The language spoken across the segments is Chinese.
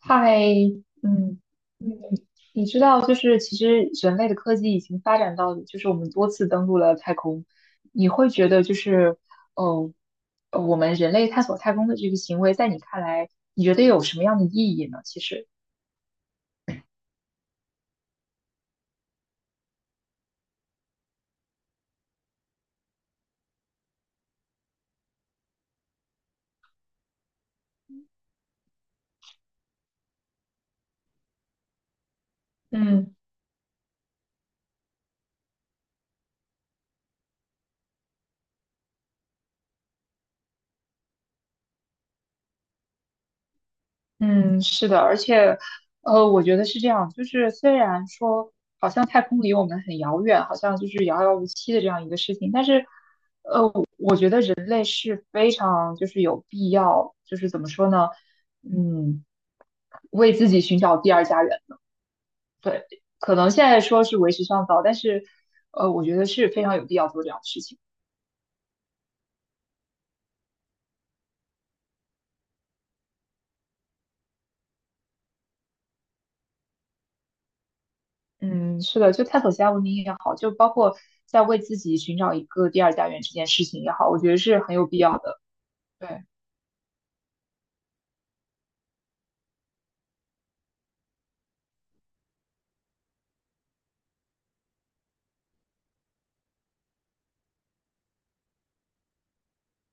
太嗯，你知道，就是其实人类的科技已经发展到，就是我们多次登陆了太空。你会觉得，就是，哦，我们人类探索太空的这个行为，在你看来，你觉得有什么样的意义呢？其实，嗯嗯，是的，而且，我觉得是这样，就是虽然说好像太空离我们很遥远，好像就是遥遥无期的这样一个事情。但是人类是非常就是有必要，就是怎么说呢，嗯，为自己寻找第二家园。对，可能现在说是为时尚早，但是我觉得是非常有必要做这样的事情。嗯，是的，就探索其他文明也好，就包括在为自己寻找一个第二家园这件事情也好，我觉得是很有必要的。对，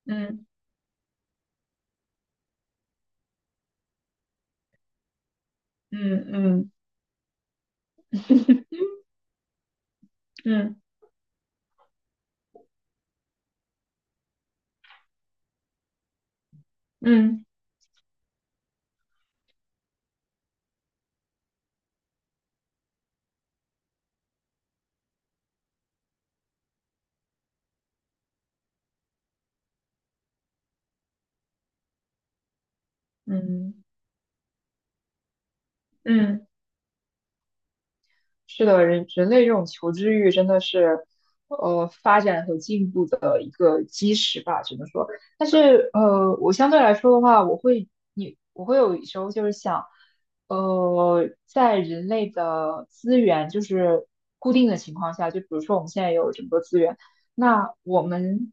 嗯嗯嗯嗯嗯嗯。嗯，是的，人类这种求知欲真的是，发展和进步的一个基石吧，只能说。但是，我相对来说的话，我会，我会有时候就是想，在人类的资源就是固定的情况下，就比如说我们现在有这么多资源，那我们，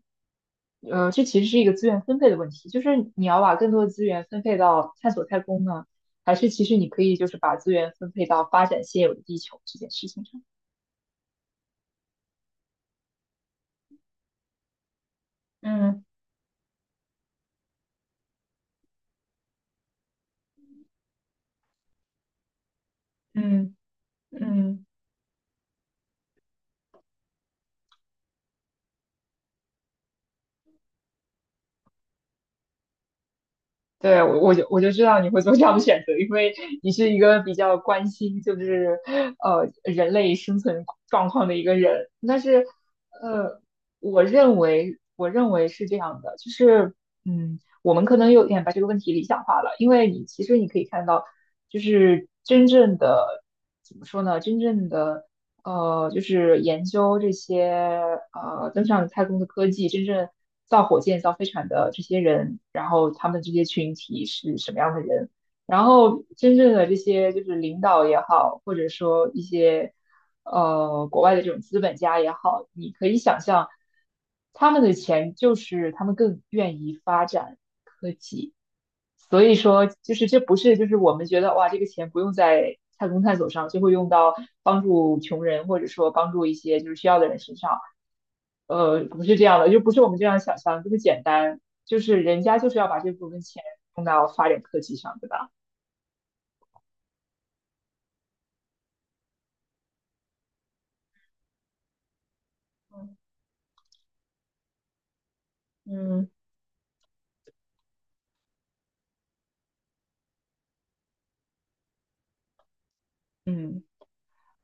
这其实是一个资源分配的问题，就是你要把更多的资源分配到探索太空呢。还是其实你可以就是把资源分配到发展现有的地球这件事情上。嗯嗯嗯，对，我就知道你会做这样的选择，因为你是一个比较关心就是人类生存状况的一个人。但是呃，我认为是这样的，就是我们可能有点把这个问题理想化了，因为你其实你可以看到，就是真正的怎么说呢？真正的就是研究这些登上太空的科技，真正造火箭、造飞船的这些人，然后他们这些群体是什么样的人，然后真正的这些就是领导也好，或者说一些国外的这种资本家也好，你可以想象他们的钱就是他们更愿意发展。所以说，就是这不是就是我们觉得哇，这个钱不用在太空探索上，就会用到帮助穷人或者说帮助一些就是需要的人身上。不是这样的，就不是我们这样想象这么简单，就是人家就是要把这部分钱用到发展科技上，对吧？嗯，嗯。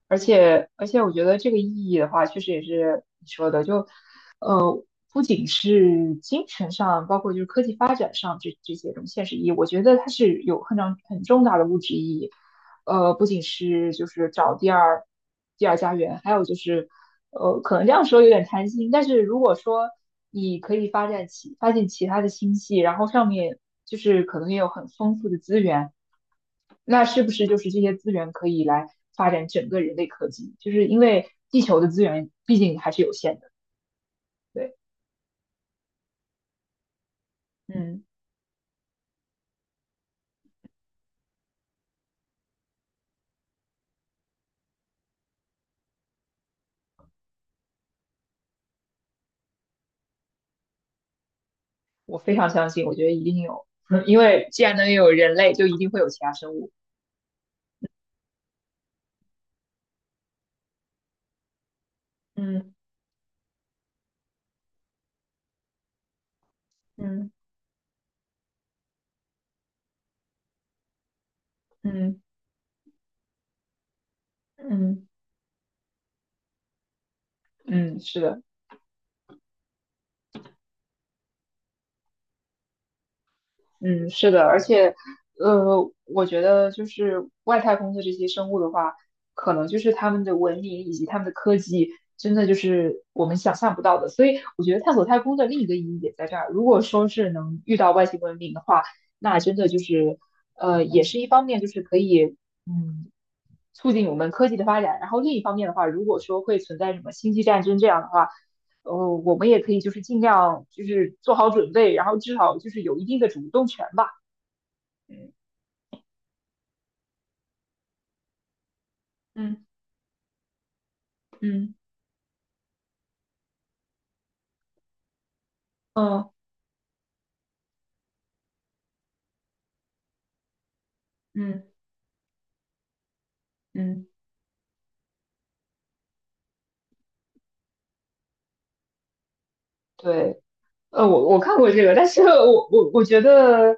而且，我觉得这个意义的话，确实也是你说的，就呃，不仅是精神上，包括就是科技发展上这这些这种现实意义，我觉得它是有很长很重大的物质意义。不仅是就是找第二家园，还有就是可能这样说有点贪心，但是如果说你可以发现其他的星系，然后上面就是可能也有很丰富的资源。那是不是就是这些资源可以来发展整个人类科技？就是因为地球的资源毕竟还是有限的。对，嗯，我非常相信，我觉得一定有，因为既然能有人类，就一定会有其他生物。嗯嗯嗯嗯嗯，是的。嗯，是的，而且，我觉得就是外太空的这些生物的话，可能就是他们的文明以及他们的科技，真的就是我们想象不到的。所以我觉得探索太空的另一个意义也在这儿。如果说是能遇到外星文明的话，那真的就是，也是一方面就是可以，嗯，促进我们科技的发展。然后另一方面的话，如果说会存在什么星际战争这样的话，呃，我们也可以就是尽量就是做好准备，然后至少就是有一定的主动权吧。嗯嗯嗯嗯嗯嗯，对，我看过这个，但是我觉得，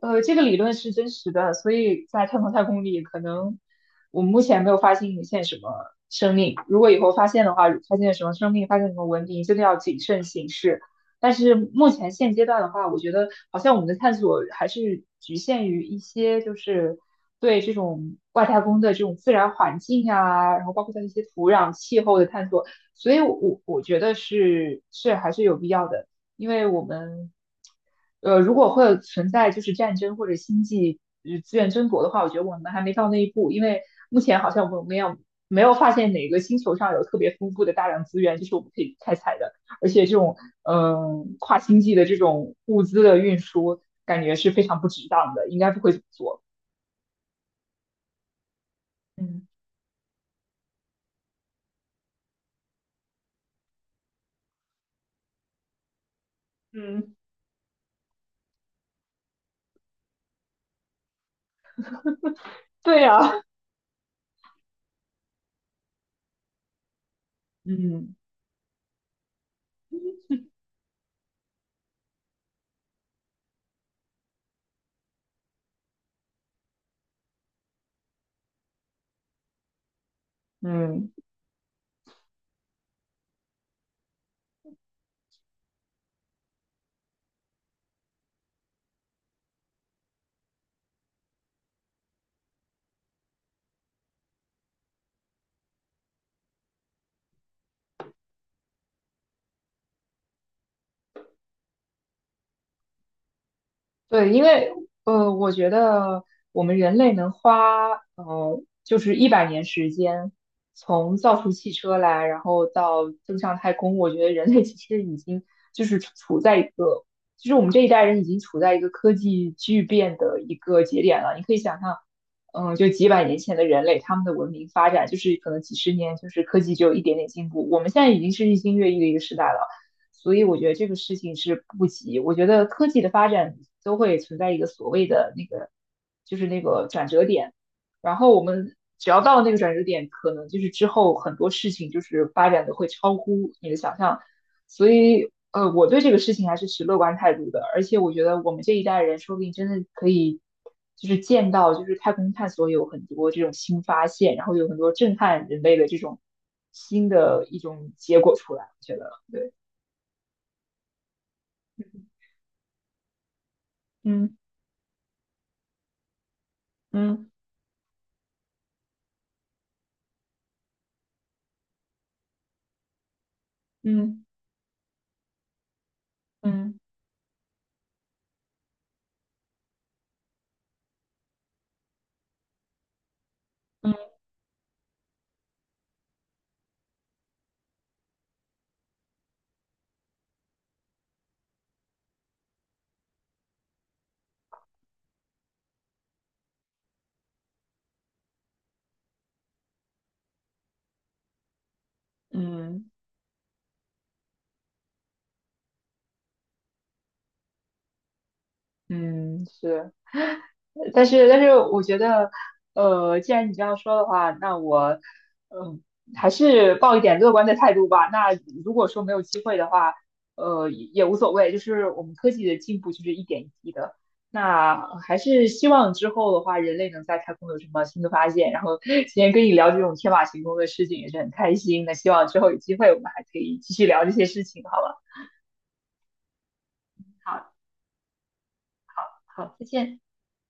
这个理论是真实的，所以在太空里，可能我们目前没有发现什么生命。如果以后发现的话，发现什么生命，发现什么文明，真的要谨慎行事。但是目前现阶段的话，我觉得好像我们的探索还是局限于一些，就是对这种外太空的这种自然环境啊，然后包括它的一些土壤、气候的探索。所以我觉得是还是有必要的。因为我们，如果会存在就是战争或者星际资源争夺的话，我觉得我们还没到那一步，因为目前好像我们没有发现哪个星球上有特别丰富的大量资源，就是我们可以开采的，而且这种跨星际的这种物资的运输，感觉是非常不值当的，应该不会怎么做。嗯嗯，对呀。嗯嗯。对，因为我觉得我们人类能花就是100年时间，从造出汽车来，然后到登上太空，我觉得人类其实已经就是处在一个，就是我们这一代人已经处在一个科技巨变的一个节点了。你可以想象，嗯，就几百年前的人类，他们的文明发展就是可能几十年，就是科技只有一点点进步，我们现在已经是日新月异的一个时代了。所以我觉得这个事情是不急。我觉得科技的发展都会存在一个所谓的那个，就是那个转折点。然后我们只要到了那个转折点，可能就是之后很多事情就是发展的会超乎你的想象。所以，我对这个事情还是持乐观态度的。而且我觉得我们这一代人说不定真的可以，就是见到就是太空探索有很多这种新发现，然后有很多震撼人类的这种新的一种结果出来。我觉得，对。嗯。嗯嗯嗯嗯嗯嗯，嗯，是，但是我觉得，既然你这样说的话，那我，嗯、还是抱一点乐观的态度吧。那如果说没有机会的话，也无所谓，就是我们科技的进步就是一点一滴的。那还是希望之后的话，人类能在太空有什么新的发现。然后今天跟你聊这种天马行空的事情也是很开心。那希望之后有机会我们还可以继续聊这些事情，好吧？好，好，再见。